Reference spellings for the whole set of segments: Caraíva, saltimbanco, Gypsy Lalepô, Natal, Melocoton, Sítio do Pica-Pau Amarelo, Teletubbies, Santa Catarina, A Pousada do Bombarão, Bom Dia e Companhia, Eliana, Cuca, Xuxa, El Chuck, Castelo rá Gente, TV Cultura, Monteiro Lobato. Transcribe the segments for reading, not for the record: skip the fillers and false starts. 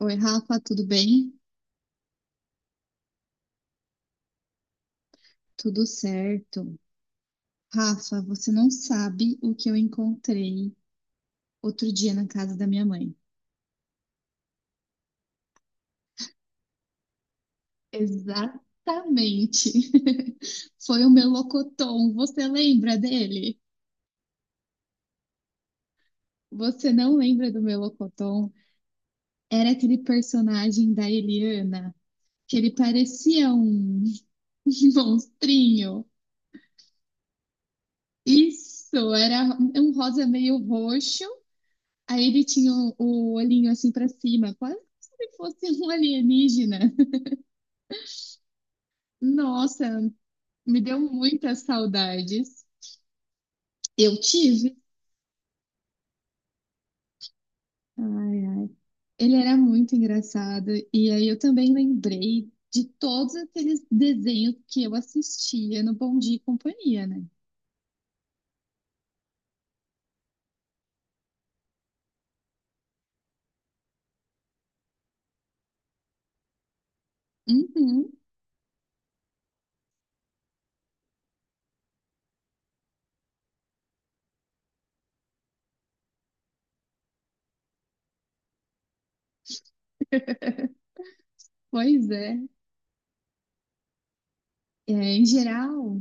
Oi, Rafa, tudo bem? Tudo certo. Rafa, você não sabe o que eu encontrei outro dia na casa da minha mãe. Exatamente. Foi o Melocoton. Você lembra dele? Você não lembra do Melocoton? Era aquele personagem da Eliana, que ele parecia um monstrinho. Isso, era um rosa meio roxo. Aí ele tinha o olhinho assim pra cima, quase como se fosse um alienígena. Nossa, me deu muitas saudades. Eu tive. Ai, ai. Ele era muito engraçado. E aí eu também lembrei de todos aqueles desenhos que eu assistia no Bom Dia e Companhia, né? Uhum, pois é. É, em geral,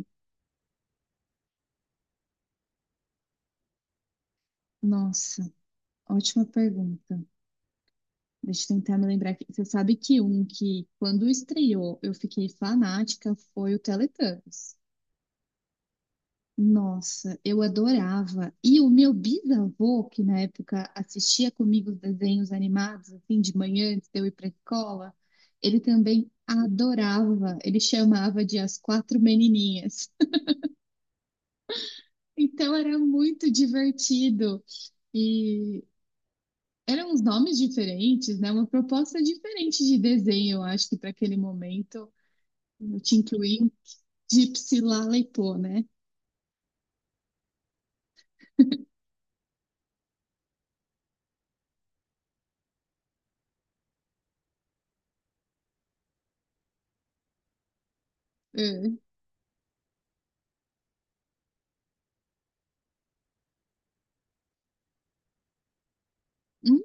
nossa, ótima pergunta. Deixa eu tentar me lembrar aqui. Você sabe que um que, quando estreou, eu fiquei fanática foi o Teletubbies. Nossa, eu adorava. E o meu bisavô, que na época assistia comigo os desenhos animados, assim, de manhã, antes de eu ir para a escola, ele também adorava. Ele chamava de As Quatro Menininhas. Então era muito divertido. E eram uns nomes diferentes, né? Uma proposta diferente de desenho, eu acho que para aquele momento. Eu te incluí Gypsy Lalepô, né? É. Hum?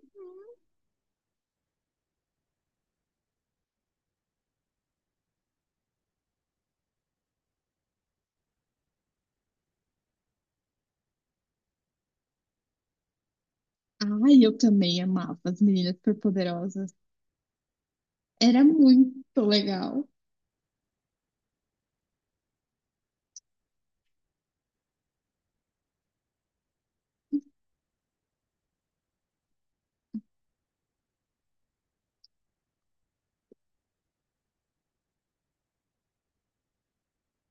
Ai, eu também amava as meninas superpoderosas. Era muito legal.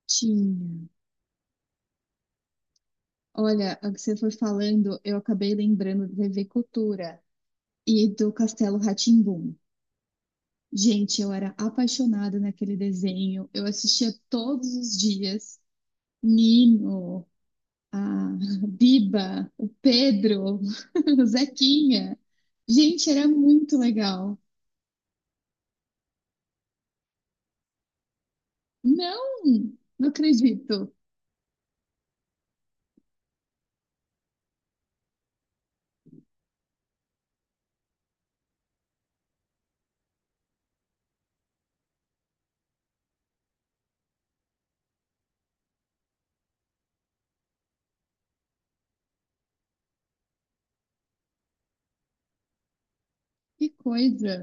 Tinha. Olha, o que você foi falando, eu acabei lembrando da TV Cultura e do Castelo rá. Gente, eu era apaixonada naquele desenho. Eu assistia todos os dias. Nino, a Biba, o Pedro, o Zequinha. Gente, era muito legal. Não, não acredito. Que coisa.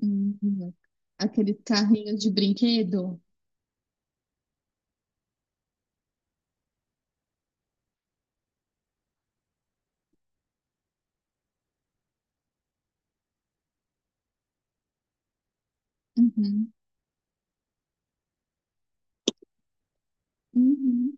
Uhum. Aqueles carrinhos de brinquedo. Uhum. Uhum.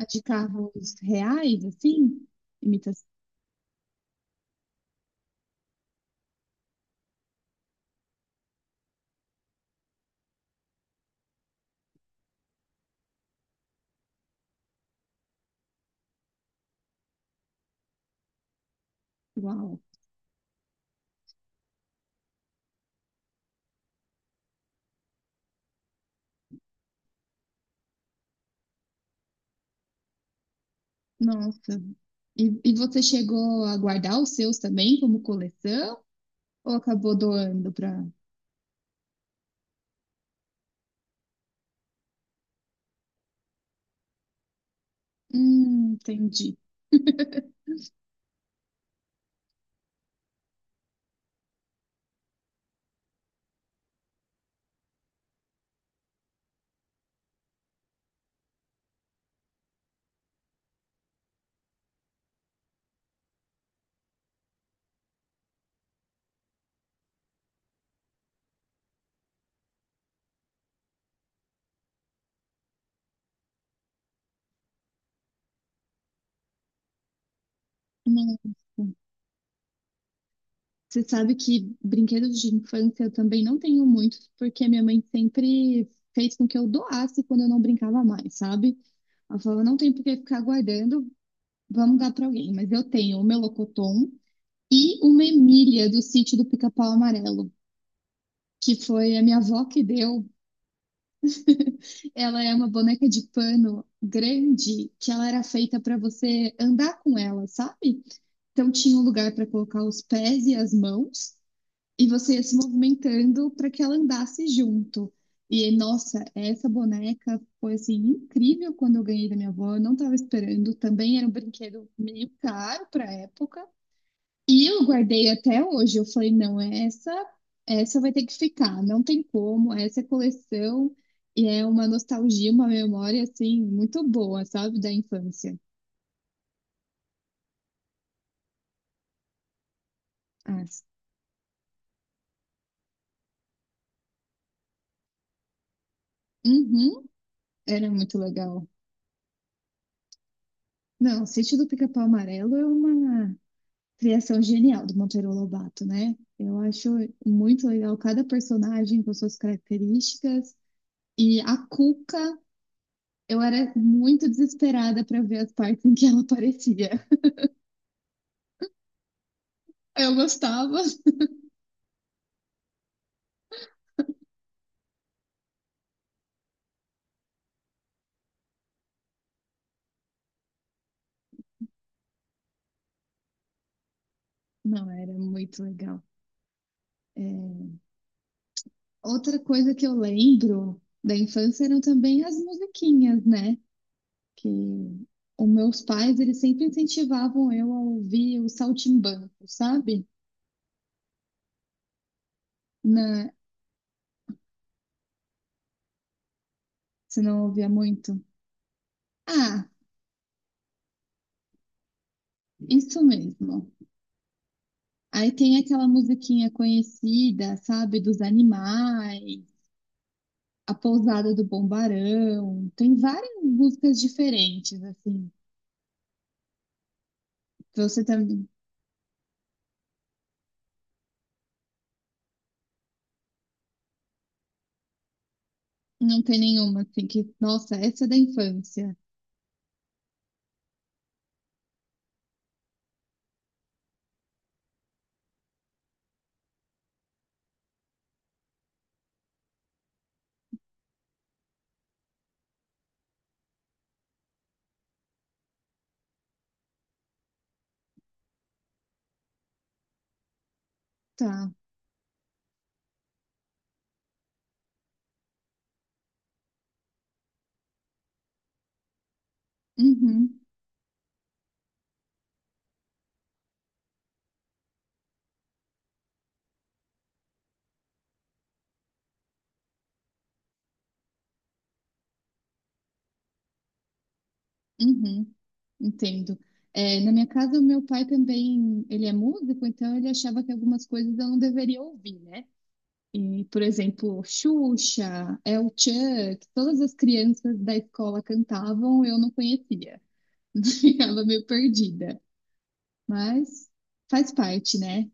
A de carros reais, assim? Imitação. Uau. Nossa. E você chegou a guardar os seus também como coleção? Ou acabou doando para... entendi. Nossa. Você sabe que brinquedos de infância eu também não tenho muitos, porque minha mãe sempre fez com que eu doasse quando eu não brincava mais, sabe? Ela falava, não tem por que ficar guardando, vamos dar para alguém. Mas eu tenho o meu locotom e uma Emília do sítio do Pica-Pau Amarelo, que foi a minha avó que deu. Ela é uma boneca de pano grande que ela era feita para você andar com ela, sabe? Então tinha um lugar para colocar os pés e as mãos, e você ia se movimentando para que ela andasse junto. E nossa, essa boneca foi assim incrível quando eu ganhei da minha avó, eu não estava esperando, também era um brinquedo meio caro para a época. E eu guardei até hoje. Eu falei, não, essa essa vai ter que ficar, não tem como, essa é coleção e é uma nostalgia, uma memória assim muito boa, sabe, da infância. Ah, uhum, era muito legal. Não, o Sítio do Pica-Pau Amarelo é uma criação genial do Monteiro Lobato, né? Eu acho muito legal cada personagem com suas características. E a Cuca, eu era muito desesperada para ver as partes em que ela aparecia. Eu gostava. Não, era muito legal. É, outra coisa que eu lembro da infância eram também as musiquinhas, né? Que os meus pais, eles sempre incentivavam eu a ouvir o saltimbanco, sabe? Na... Você não ouvia muito? Ah, isso mesmo. Aí tem aquela musiquinha conhecida, sabe, dos animais, A Pousada do Bombarão. Tem várias músicas diferentes, assim. Você também não tem nenhuma, assim, que, nossa, essa é da infância. Tá. Uhum, uhum. Entendo. É, na minha casa, o meu pai também, ele é músico, então ele achava que algumas coisas eu não deveria ouvir, né? E, por exemplo, Xuxa, El Chuck, todas as crianças da escola cantavam, eu não conhecia. Ficava meio perdida. Mas faz parte, né?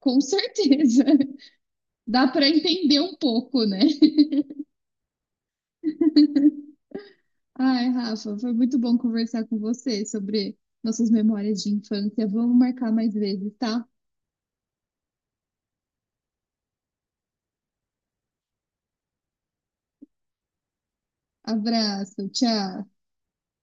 Com certeza. Dá para entender um pouco, né? Ai, Rafa, foi muito bom conversar com você sobre nossas memórias de infância. Vamos marcar mais vezes, tá? Abraço, tchau.